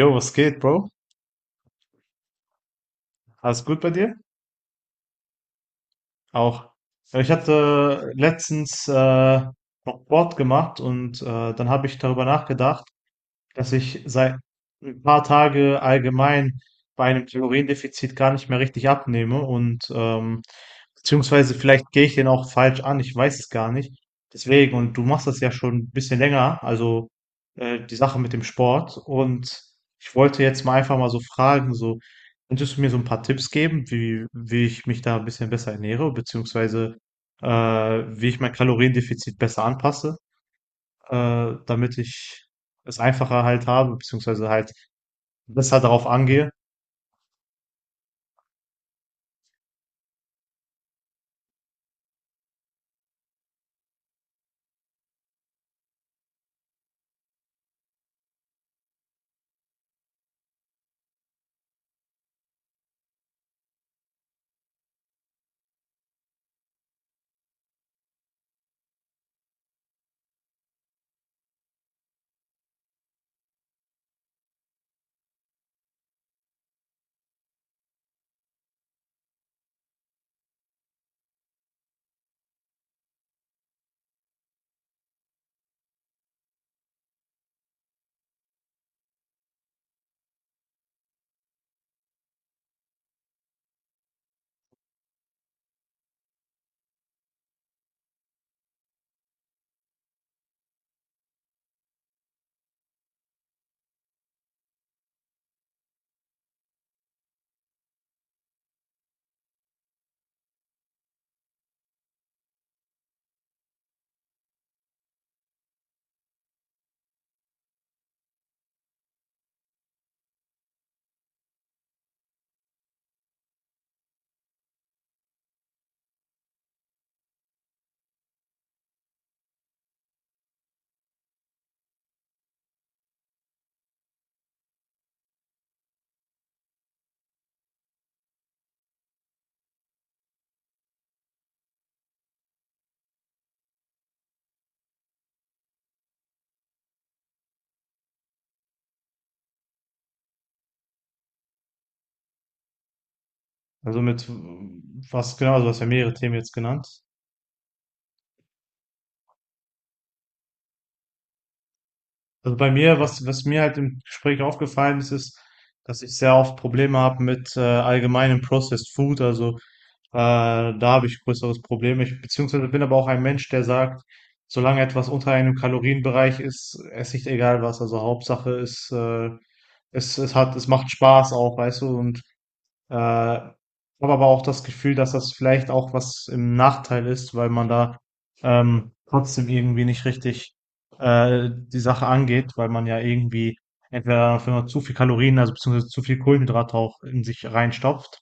Jo, was geht, Bro? Alles gut bei dir? Auch. Ja, ich hatte letztens noch Sport gemacht und dann habe ich darüber nachgedacht, dass ich seit ein paar Tage allgemein bei einem Kaloriendefizit gar nicht mehr richtig abnehme und beziehungsweise vielleicht gehe ich den auch falsch an, ich weiß es gar nicht. Deswegen, und du machst das ja schon ein bisschen länger, also, die Sache mit dem Sport, und ich wollte jetzt mal einfach mal so fragen, so, könntest du mir so ein paar Tipps geben, wie ich mich da ein bisschen besser ernähre, beziehungsweise, wie ich mein Kaloriendefizit besser anpasse? Damit ich es einfacher halt habe, beziehungsweise halt besser darauf angehe. Also mit was genau, also du hast ja mehrere Themen jetzt genannt. Also bei mir, was mir halt im Gespräch aufgefallen ist, ist, dass ich sehr oft Probleme habe mit allgemeinem Processed Food. Also da habe ich größeres Problem. Ich beziehungsweise bin aber auch ein Mensch, der sagt, solange etwas unter einem Kalorienbereich ist, esse ich egal was. Also Hauptsache ist, es macht Spaß auch, weißt du, und habe aber auch das Gefühl, dass das vielleicht auch was im Nachteil ist, weil man da trotzdem irgendwie nicht richtig die Sache angeht, weil man ja irgendwie, entweder wenn man zu viel Kalorien, also beziehungsweise zu viel Kohlenhydrate, auch in sich reinstopft.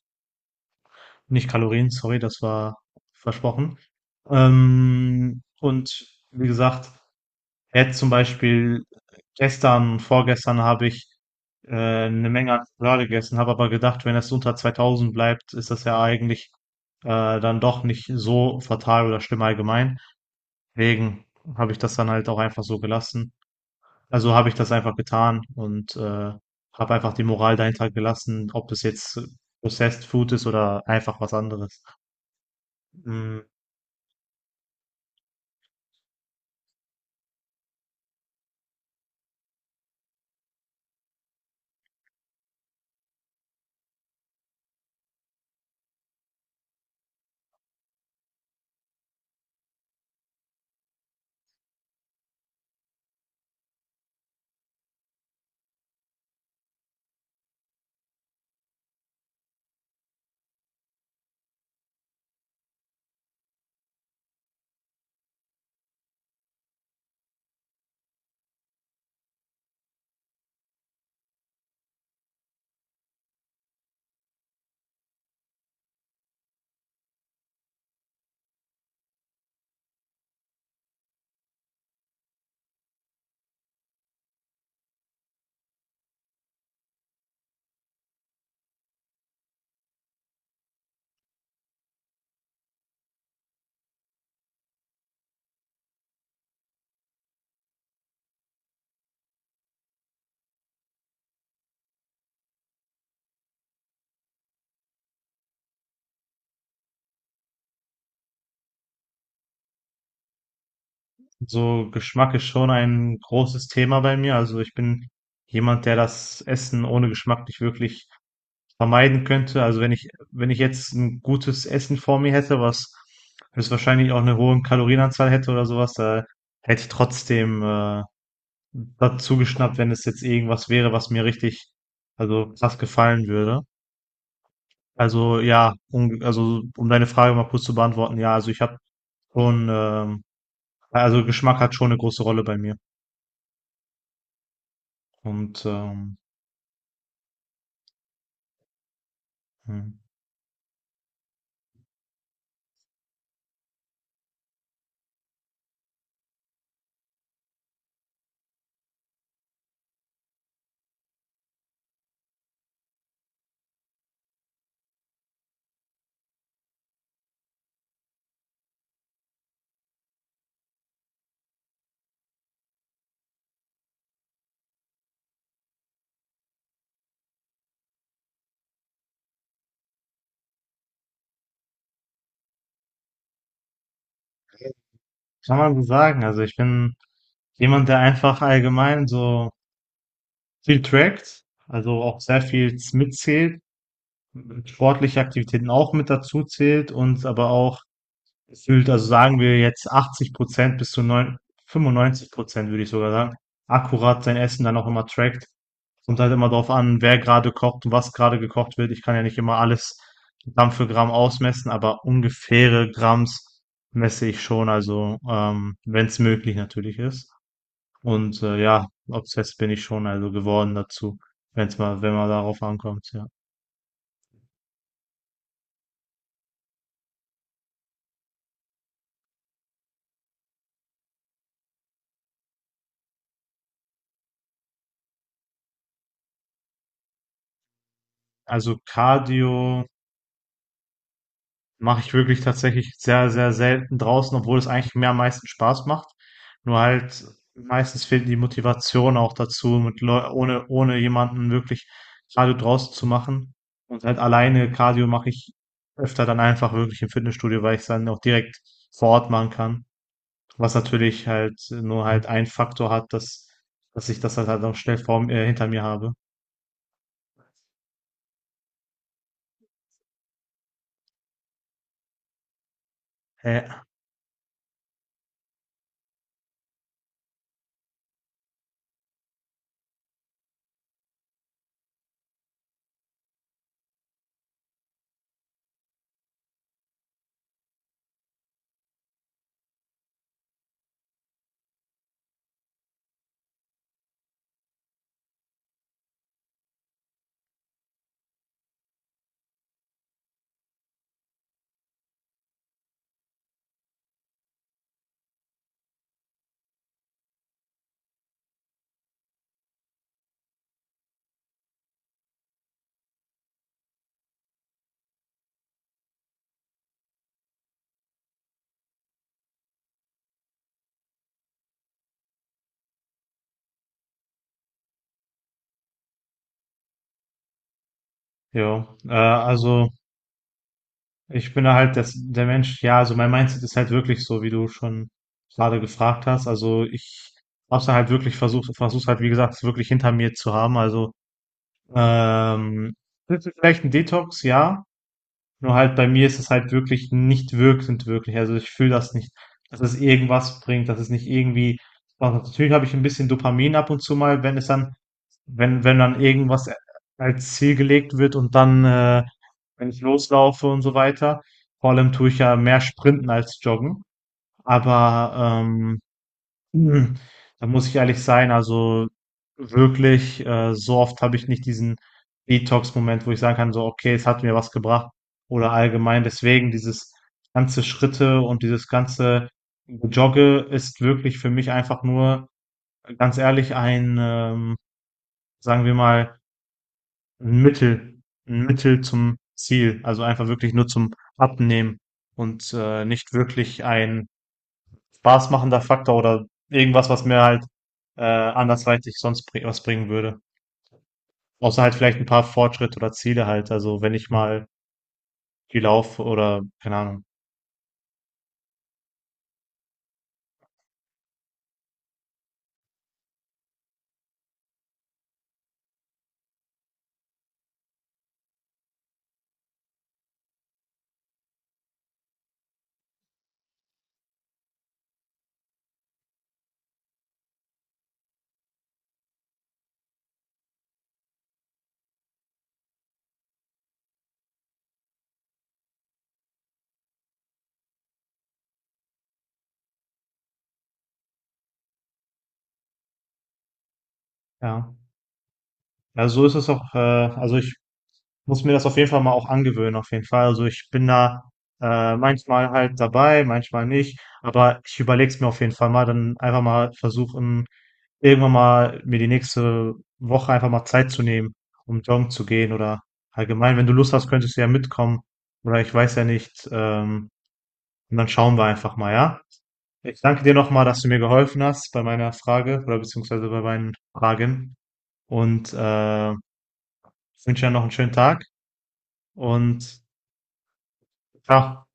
Nicht Kalorien, sorry, das war versprochen. Und wie gesagt, jetzt zum Beispiel gestern, vorgestern habe ich äh, eine Menge an Schokolade gegessen, habe aber gedacht, wenn das unter 2000 bleibt, ist das ja eigentlich äh, dann doch nicht so fatal oder schlimm allgemein. Deswegen habe ich das dann halt auch einfach so gelassen. Also habe ich das einfach getan und habe einfach die Moral dahinter gelassen, ob das jetzt Processed Food ist oder einfach was anderes. Mm. So Geschmack ist schon ein großes Thema bei mir. Also ich bin jemand, der das Essen ohne Geschmack nicht wirklich vermeiden könnte. Also wenn ich jetzt ein gutes Essen vor mir hätte, was das wahrscheinlich auch eine hohe Kalorienanzahl hätte oder sowas, da hätte ich trotzdem dazu geschnappt, wenn es jetzt irgendwas wäre, was mir richtig, also krass gefallen würde. Also ja, also um deine Frage mal kurz zu beantworten, ja, also ich habe schon, also Geschmack hat schon eine große Rolle bei mir. Und hm, kann man so sagen, also ich bin jemand, der einfach allgemein so viel trackt, also auch sehr viel mitzählt, sportliche Aktivitäten auch mit dazu zählt, und aber auch gefühlt, also sagen wir jetzt 80% bis zu neun 95% würde ich sogar sagen, akkurat sein Essen dann auch immer trackt. Kommt halt immer darauf an, wer gerade kocht und was gerade gekocht wird. Ich kann ja nicht immer alles Gramm für Gramm ausmessen, aber ungefähre Gramms messe ich schon, also wenn es möglich natürlich ist. Und ja, obsessed bin ich schon also geworden dazu, wenn es mal, wenn man darauf ankommt, ja. Also Cardio. Mache ich wirklich tatsächlich sehr, sehr selten draußen, obwohl es eigentlich mir am meisten Spaß macht. Nur halt meistens fehlt die Motivation auch dazu, mit Leu ohne, ohne jemanden wirklich Cardio draußen zu machen. Und halt alleine Cardio mache ich öfter dann einfach wirklich im Fitnessstudio, weil ich es dann auch direkt vor Ort machen kann. Was natürlich halt nur halt ein Faktor hat, dass ich das halt auch schnell hinter mir habe. Ja, jo. Also. Ich bin halt das, der Mensch, ja, also mein Mindset ist halt wirklich so, wie du schon gerade gefragt hast. Also ich hab's dann halt wirklich versucht, versuch's halt, wie gesagt, es wirklich hinter mir zu haben. Also, ähm, das ist vielleicht ein Detox, ja. Nur halt bei mir ist es halt wirklich nicht wirkend wirklich. Also ich fühle das nicht, dass es irgendwas bringt, dass es nicht irgendwie was hat. Natürlich habe ich ein bisschen Dopamin ab und zu mal, wenn dann irgendwas als Ziel gelegt wird und dann, wenn ich loslaufe und so weiter. Vor allem tue ich ja mehr Sprinten als Joggen. Aber hm, da muss ich ehrlich sein, also wirklich, so oft habe ich nicht diesen Detox-Moment, wo ich sagen kann, so, okay, es hat mir was gebracht oder allgemein. Deswegen dieses ganze Schritte und dieses ganze Jogge ist wirklich für mich einfach nur, ganz ehrlich, sagen wir mal, ein Mittel zum Ziel. Also einfach wirklich nur zum Abnehmen und nicht wirklich ein spaßmachender Faktor oder irgendwas, was mir halt andersweitig sonst bring was bringen würde. Außer halt vielleicht ein paar Fortschritte oder Ziele halt. Also wenn ich mal viel laufe oder keine Ahnung. Ja. Also so ist es auch. Also ich muss mir das auf jeden Fall mal auch angewöhnen, auf jeden Fall. Also ich bin da manchmal halt dabei, manchmal nicht, aber ich überlege es mir auf jeden Fall mal, dann einfach mal versuchen, irgendwann mal mir die nächste Woche einfach mal Zeit zu nehmen, um joggen zu gehen oder allgemein, wenn du Lust hast, könntest du ja mitkommen oder ich weiß ja nicht, und dann schauen wir einfach mal, ja? Ich danke dir nochmal, dass du mir geholfen hast bei meiner Frage oder beziehungsweise bei meinen Fragen und wünsche dir noch einen schönen Tag und ciao.